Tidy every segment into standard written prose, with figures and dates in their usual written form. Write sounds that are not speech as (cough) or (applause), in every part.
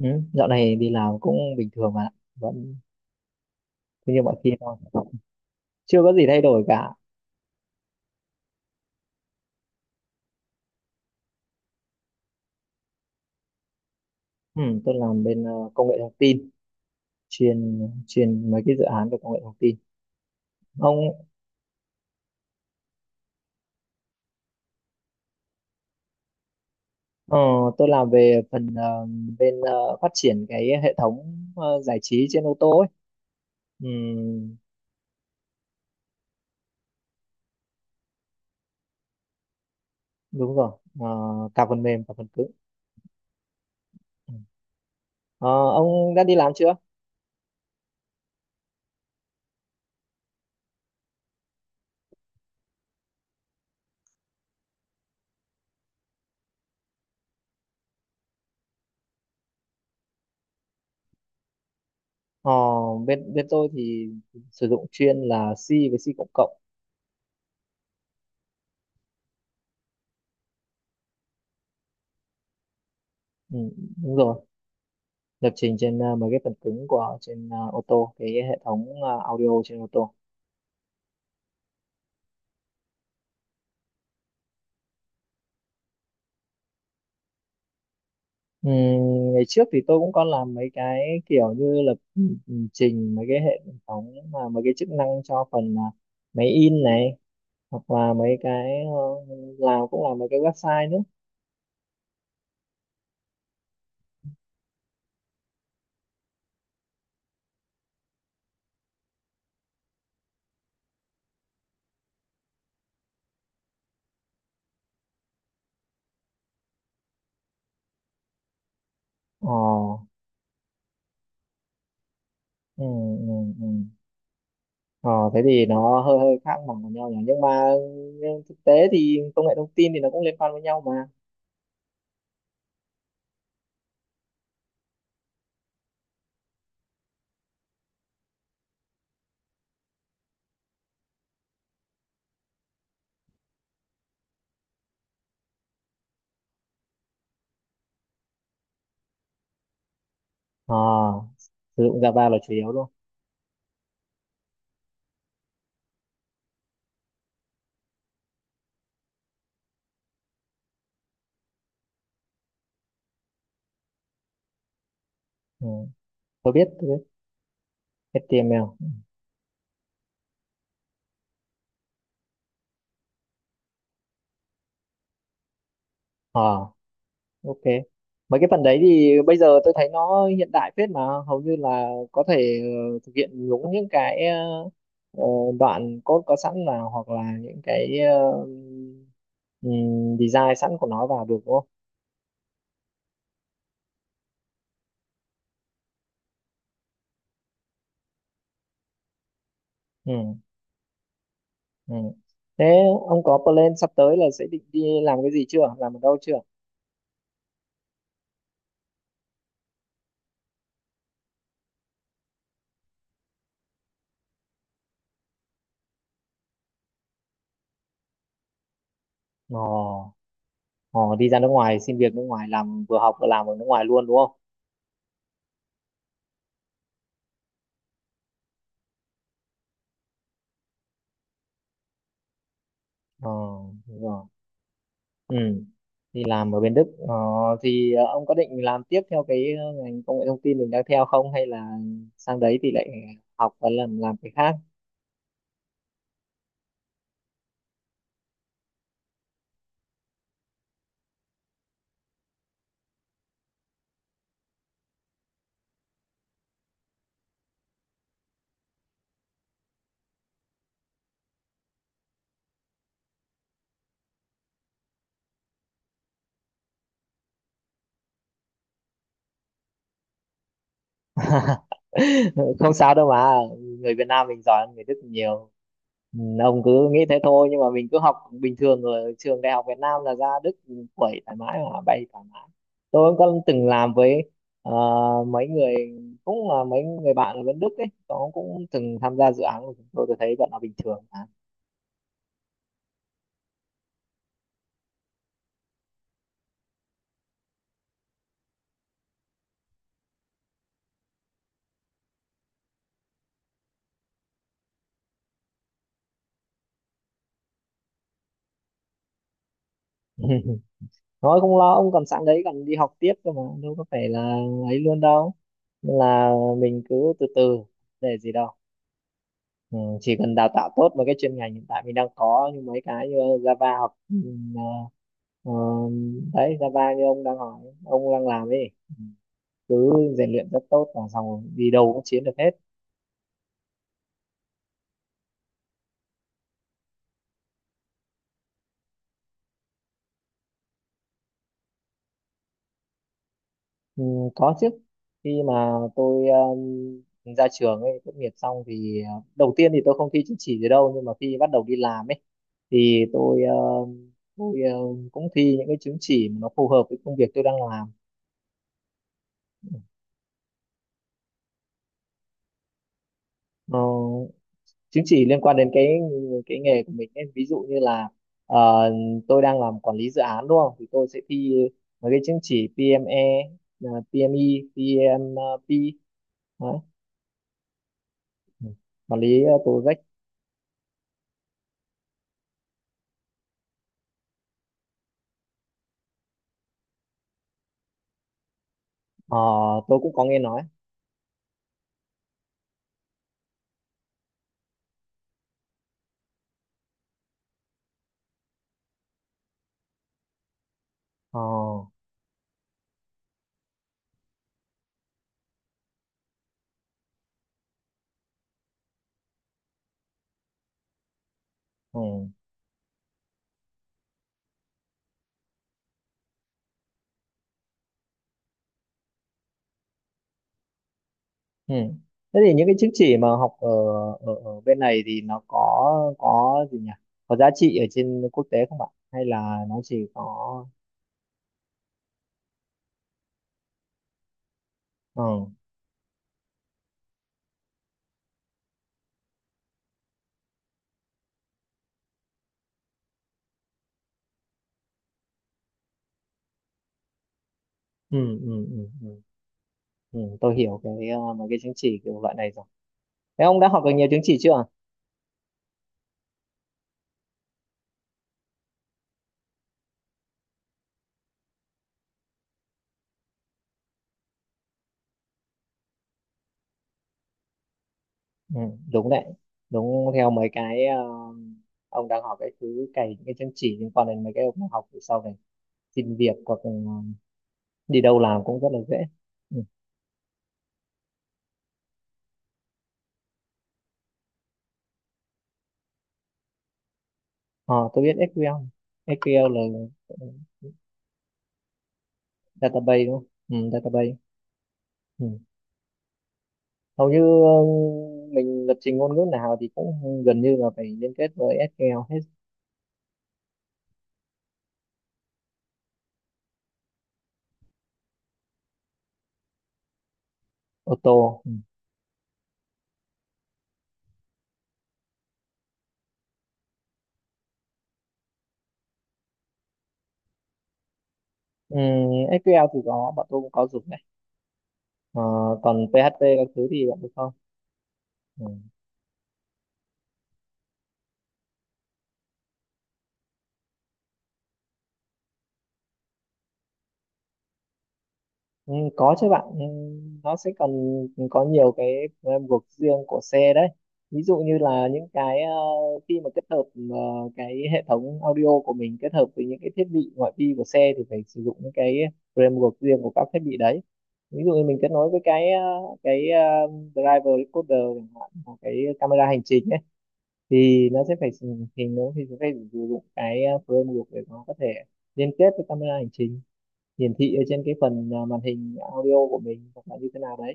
Ừ, dạo này đi làm cũng bình thường mà vẫn cứ như mọi khi thôi, chưa có gì thay đổi cả. Ừ, tôi làm bên công nghệ thông tin, chuyên chuyên mấy cái dự án về công nghệ thông tin. Ông, ờ, tôi làm về phần bên phát triển cái hệ thống giải trí trên ô tô ấy. Ừ, đúng rồi. Ờ, cả phần mềm cả phần cứng. Ừ. Ờ, ông đã đi làm chưa? Ờ, bên bên tôi thì sử dụng chuyên là C với C cộng cộng. Ừ, đúng rồi, lập trình trên mấy cái phần cứng của trên ô tô, cái hệ thống audio trên ô tô. Ừm, ngày trước thì tôi cũng có làm mấy cái kiểu như lập trình mấy cái hệ thống, mà mấy cái chức năng cho phần máy in này, hoặc là mấy cái làm cũng là mấy cái website nữa. ờ ừ, ừ, ừ. Ờ Thế thì nó hơi hơi khác hẳn với nhau nhỉ, nhưng mà nhưng thực tế thì công nghệ thông tin thì nó cũng liên quan với nhau mà. ờ Sử dụng Java là chủ yếu luôn. Ừ, tôi biết HTML. ờ ok, mấy cái phần đấy thì bây giờ tôi thấy nó hiện đại phết mà, hầu như là có thể thực hiện nhúng những cái ờ, đoạn code có sẵn, là hoặc là những cái design sẵn của nó vào được đúng không? Ừ, ừ. Thế ông có plan sắp tới là sẽ định đi làm cái gì chưa, làm ở đâu chưa? Ồ. Ồ, đi ra nước ngoài xin việc, nước ngoài làm, vừa học vừa làm ở nước ngoài luôn đúng không? ờ Đúng rồi. Ừ. Thì làm ở bên Đức, thì ông có định làm tiếp theo cái ngành công nghệ thông tin mình đang theo không, hay là sang đấy thì lại học và làm cái khác? (laughs) Không sao đâu mà, người Việt Nam mình giỏi hơn người Đức nhiều. Ừ, ông cứ nghĩ thế thôi, nhưng mà mình cứ học bình thường ở trường đại học Việt Nam là ra Đức quẩy thoải mái mà, bay thoải mái. Tôi cũng có từng làm với ờ, mấy người, cũng là mấy người bạn ở bên Đức ấy, nó cũng từng tham gia dự án của chúng tôi thấy bọn nó bình thường mà. (laughs) Thôi không lo, ông còn sẵn đấy, còn đi học tiếp cơ mà, đâu có phải là ấy luôn đâu. Nên là mình cứ từ từ, để gì đâu. Ừ, chỉ cần đào tạo tốt mấy cái chuyên ngành hiện tại mình đang có, như mấy cái như Java hoặc ờ, đấy, Java như ông đang hỏi, ông đang làm ấy, cứ rèn luyện rất tốt là xong, rồi đi đâu cũng chiến được hết. Ừ, có chứ, khi mà tôi ra trường ấy, tốt nghiệp xong thì đầu tiên thì tôi không thi chứng chỉ gì đâu, nhưng mà khi bắt đầu đi làm ấy thì tôi cũng thi những cái chứng chỉ mà nó phù hợp với công việc tôi đang làm. Ờ, chứng chỉ liên quan đến cái nghề của mình ấy. Ví dụ như là ờ, tôi đang làm quản lý dự án đúng không, thì tôi sẽ thi mấy cái chứng chỉ PME, PME, PMP đó. Quản lý tổ. Ờ, tôi cũng có nghe nói. Ờ, ừ, ừ. Thế thì những cái chứng chỉ mà học ở, ở, bên này thì nó có gì nhỉ? Có giá trị ở trên quốc tế không bạn? Hay là nó chỉ có ừ, ừ, ừ, ừ, ừ. Ừ, tôi hiểu mấy cái chứng chỉ kiểu loại này rồi. Thế ông đã học được nhiều chứng chỉ chưa? Ừ, đúng đấy. Đúng theo mấy cái, ông đang học cái thứ cày những cái chứng chỉ liên quan đến mấy cái ông học để sau này xin việc, hoặc đi đâu làm cũng rất là dễ. Ừ. Ờ, tôi biết SQL. SQL là ừ, database đúng không? Ừ, database. Ừ. Hầu như ờ, mình lập trình ngôn ngữ nào thì cũng gần như là phải liên kết với SQL hết. Auto. Ừ. Ừ, SQL thì có, bọn tôi cũng có dùng này. Ờ, còn PHP các thứ thì bọn tôi không. Ừ. Ừ, có chứ bạn. Ừ, nó sẽ còn có nhiều cái guộc riêng của xe đấy, ví dụ như là những cái khi mà kết hợp ờ, cái hệ thống audio của mình kết hợp với những cái thiết bị ngoại vi của xe thì phải sử dụng những cái framework riêng của các thiết bị đấy. Ví dụ như mình kết nối với cái driver recorder chẳng hạn, hoặc cái camera hành trình ấy, thì nó sẽ phải sử- thì nó thì sẽ phải sử dụng cái framework để nó có thể liên kết với camera hành trình, hiển thị ở trên cái phần màn hình audio của mình, hoặc là như thế nào đấy.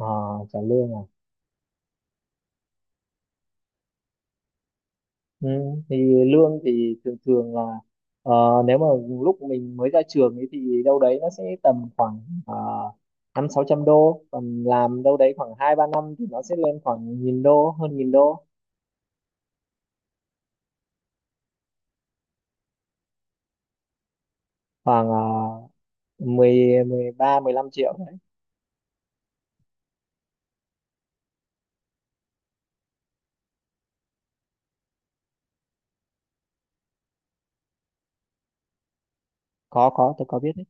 À, trả lương à? Ừ, thì lương thì thường thường là ờ, nếu mà lúc mình mới ra trường ấy thì đâu đấy nó sẽ tầm khoảng năm sáu trăm đô, còn làm đâu đấy khoảng hai ba năm thì nó sẽ lên khoảng 1000 đô, hơn 1000 đô. Khoảng mười, 13, mười 15 triệu đấy. Có tôi có biết đấy.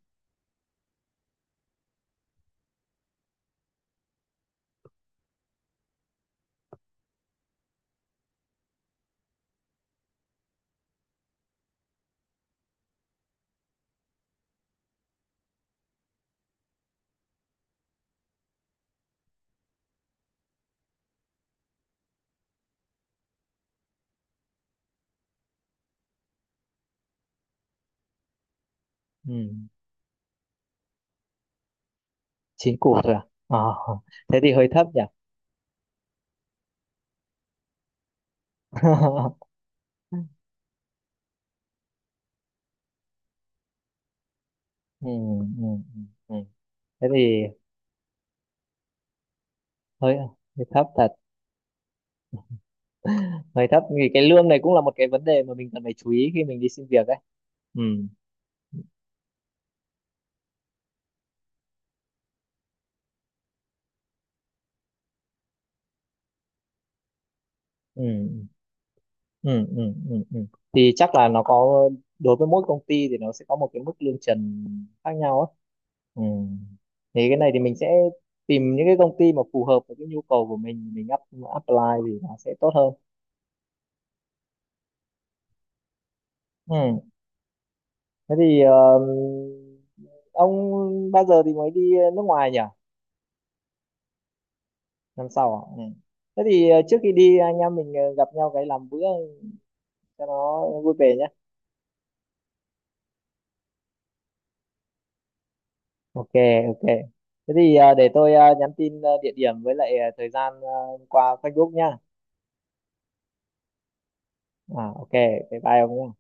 Ừ. Chín củ thôi à? Ờ, thế thì hơi thấp nhỉ. (laughs) ừ, ừ, ừ. ừ. Thế thì hơi hơi thấp thật. Hơi thấp vì cái lương này cũng là một cái vấn đề mà mình cần phải chú ý khi mình đi xin việc ấy. ừ ừ ừ ừ ừ ừ thì chắc là nó có, đối với mỗi công ty thì nó sẽ có một cái mức lương trần khác nhau ấy. Ừ, thì cái này thì mình sẽ tìm những cái công ty mà phù hợp với cái nhu cầu của mình apply thì nó sẽ tốt hơn. Ừ, thế thì ông bao giờ thì mới đi nước ngoài nhỉ? Năm sau à? Ừ. Thế thì trước khi đi anh em mình gặp nhau cái làm bữa cho nó vui vẻ nhé. Ok, ok, thế thì để tôi nhắn tin địa điểm với lại thời gian qua Facebook nhá. À, ok, bye bye ông nhé.